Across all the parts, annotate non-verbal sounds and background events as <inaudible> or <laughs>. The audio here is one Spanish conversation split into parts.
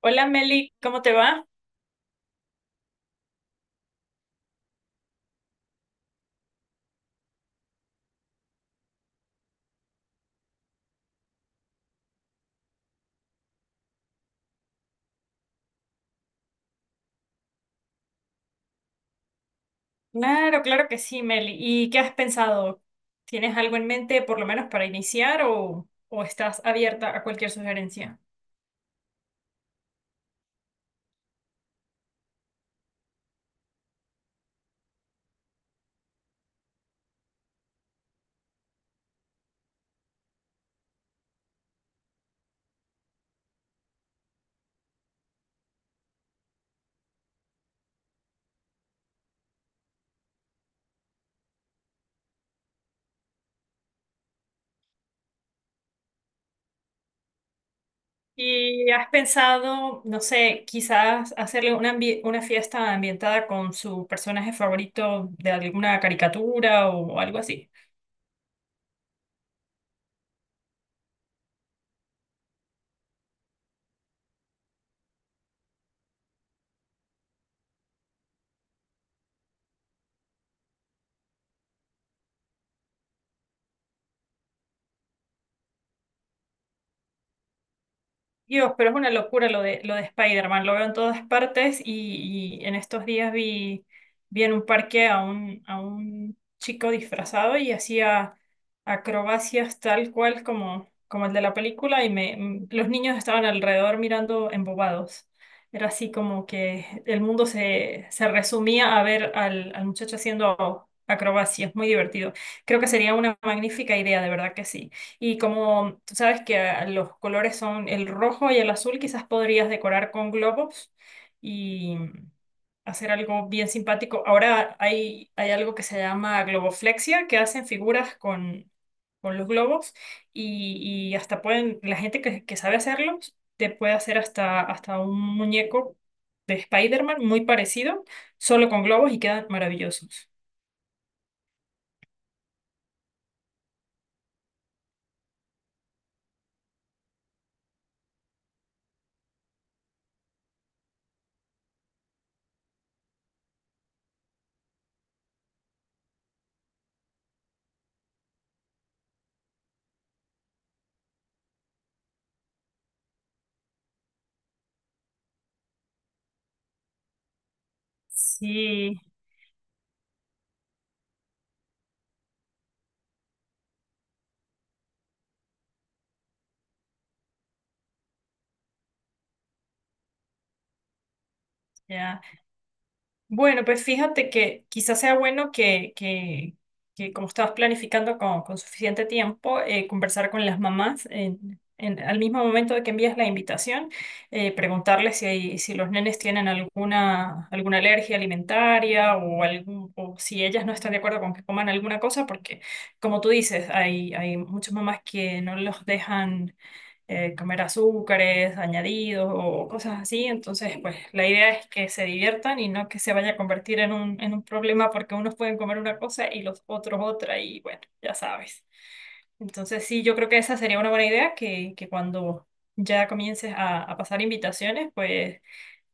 Hola Meli, ¿cómo te va? Claro, claro que sí, Meli. ¿Y qué has pensado? ¿Tienes algo en mente por lo menos para iniciar o estás abierta a cualquier sugerencia? ¿Y has pensado, no sé, quizás hacerle una, una fiesta ambientada con su personaje favorito de alguna caricatura o algo así? Dios, pero es una locura lo de Spider-Man, lo veo en todas partes y en estos días vi en un parque a a un chico disfrazado y hacía acrobacias tal cual como el de la película y los niños estaban alrededor mirando embobados. Era así como que el mundo se resumía a ver al muchacho haciendo acrobacias, muy divertido. Creo que sería una magnífica idea, de verdad que sí. Y como tú sabes que los colores son el rojo y el azul, quizás podrías decorar con globos y hacer algo bien simpático. Ahora hay algo que se llama globoflexia, que hacen figuras con los globos y hasta pueden, la gente que sabe hacerlos, te puede hacer hasta, hasta un muñeco de Spider-Man muy parecido, solo con globos y quedan maravillosos. Sí, ya. Bueno, pues fíjate que quizás sea bueno que como estabas planificando con suficiente tiempo, conversar con las mamás al mismo momento de que envías la invitación, preguntarles si los nenes tienen alguna, alguna alergia alimentaria o, algún, o si ellas no están de acuerdo con que coman alguna cosa, porque como tú dices, hay muchas mamás que no los dejan comer azúcares añadidos o cosas así. Entonces, pues la idea es que se diviertan y no que se vaya a convertir en en un problema porque unos pueden comer una cosa y los otros otra y bueno, ya sabes. Entonces, sí, yo creo que esa sería una buena idea, que cuando ya comiences a pasar invitaciones, pues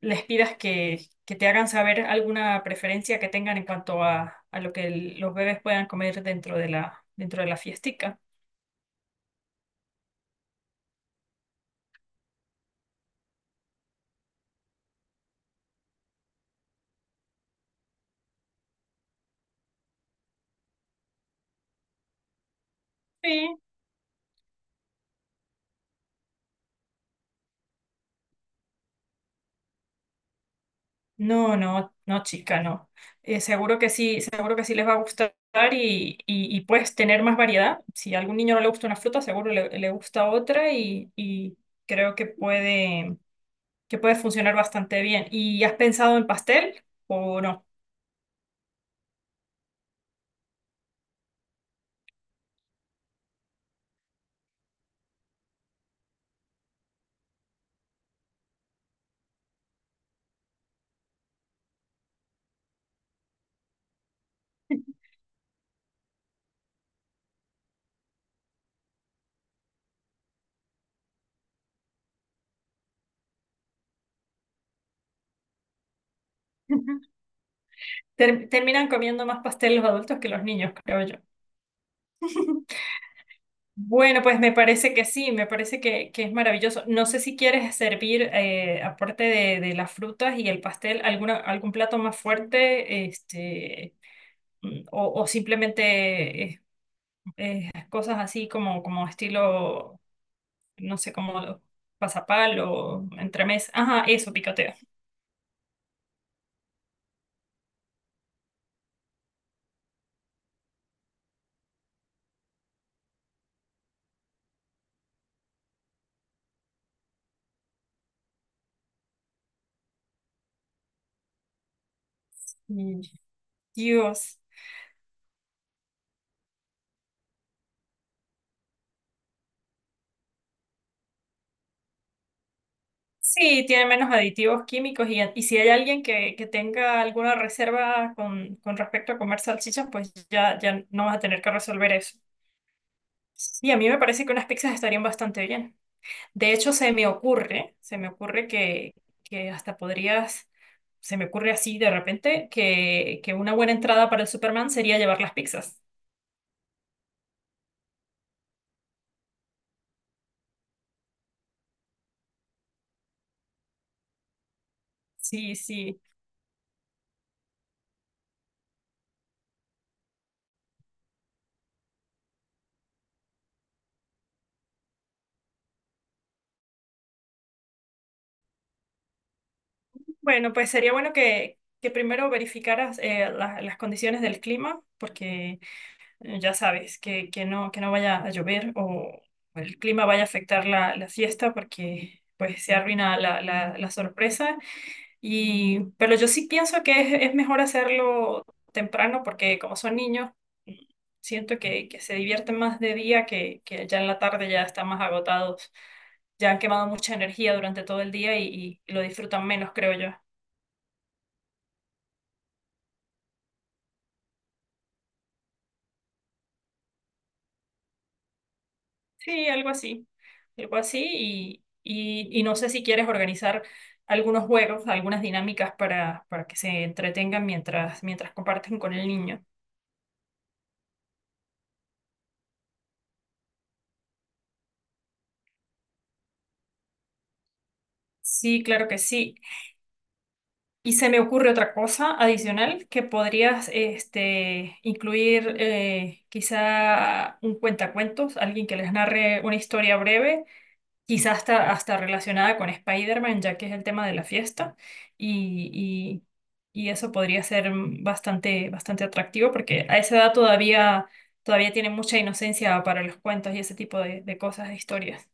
les pidas que te hagan saber alguna preferencia que tengan en cuanto a lo que los bebés puedan comer dentro de dentro de la fiestica. Sí, no, no, no, chica, no. Seguro que sí, seguro que sí les va a gustar y puedes tener más variedad. Si a algún niño no le gusta una fruta, seguro le gusta otra y creo que que puede funcionar bastante bien. ¿Y has pensado en pastel o no? <laughs> Terminan comiendo más pastel los adultos que los niños, creo yo. <laughs> Bueno, pues me parece que sí, me parece que es maravilloso. No sé si quieres servir, aparte de las frutas y el pastel, alguna, algún plato más fuerte, o simplemente cosas así como estilo, no sé, como pasapal o entremés. Ajá, eso, picoteo. Mm, Dios. Sí, tiene menos aditivos químicos y si hay alguien que tenga alguna reserva con respecto a comer salchichas, pues ya, ya no vas a tener que resolver eso. Y a mí me parece que unas pizzas estarían bastante bien. De hecho, se me ocurre que hasta podrías, se me ocurre así de repente, que una buena entrada para el Superman sería llevar las pizzas. Sí, sí. Bueno, pues sería bueno que primero verificaras las condiciones del clima, porque ya sabes, que no vaya a llover o el clima vaya a afectar la fiesta porque pues se arruina la sorpresa. Y, pero yo sí pienso que es mejor hacerlo temprano porque como son niños, siento que se divierten más de día que ya en la tarde ya están más agotados, ya han quemado mucha energía durante todo el día y lo disfrutan menos, creo yo. Sí, algo así y no sé si quieres organizar algunos juegos, algunas dinámicas para que se entretengan mientras comparten con el niño. Sí, claro que sí. Y se me ocurre otra cosa adicional que podrías este, incluir quizá un cuentacuentos, alguien que les narre una historia breve quizás hasta, hasta relacionada con Spider-Man, ya que es el tema de la fiesta, y, y eso podría ser bastante, bastante atractivo, porque a esa edad todavía, todavía tiene mucha inocencia para los cuentos y ese tipo de cosas, de historias.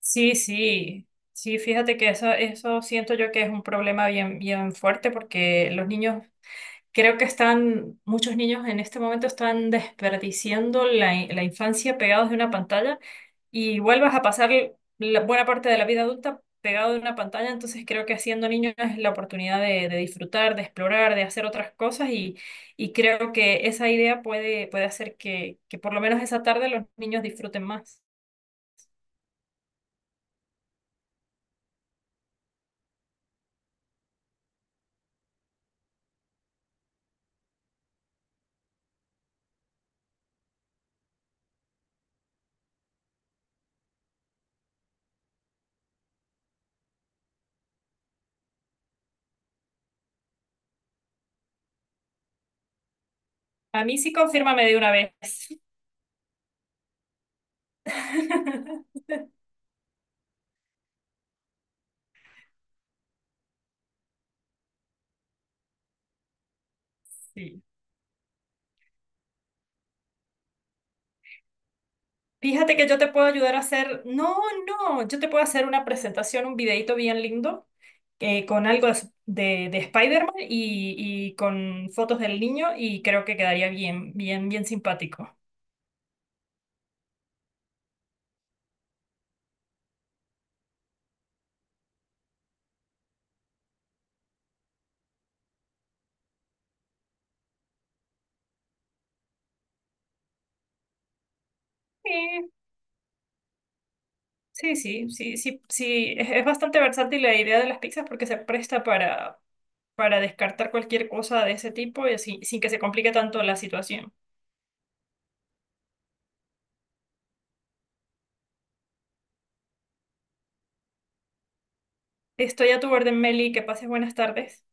Sí, sí, sí, fíjate que eso siento yo que es un problema bien, bien fuerte, porque los niños... Creo que están, muchos niños en este momento están desperdiciando la infancia pegados de una pantalla y vuelvas a pasar la buena parte de la vida adulta pegado de una pantalla, entonces creo que siendo niño es la oportunidad de disfrutar, de explorar, de hacer otras cosas y creo que esa idea puede hacer que por lo menos esa tarde los niños disfruten más. A mí sí confírmame de una vez. <laughs> Sí. Fíjate que yo te puedo ayudar a hacer, no, no, yo te puedo hacer una presentación, un videito bien lindo con algo de Spider-Man y con fotos del niño y creo que quedaría bien, bien, bien simpático. Sí, sí, sí, sí, sí, sí, es bastante versátil la idea de las pizzas porque se presta para descartar cualquier cosa de ese tipo y así, sin que se complique tanto la situación. Estoy a tu orden, Meli, que pases buenas tardes.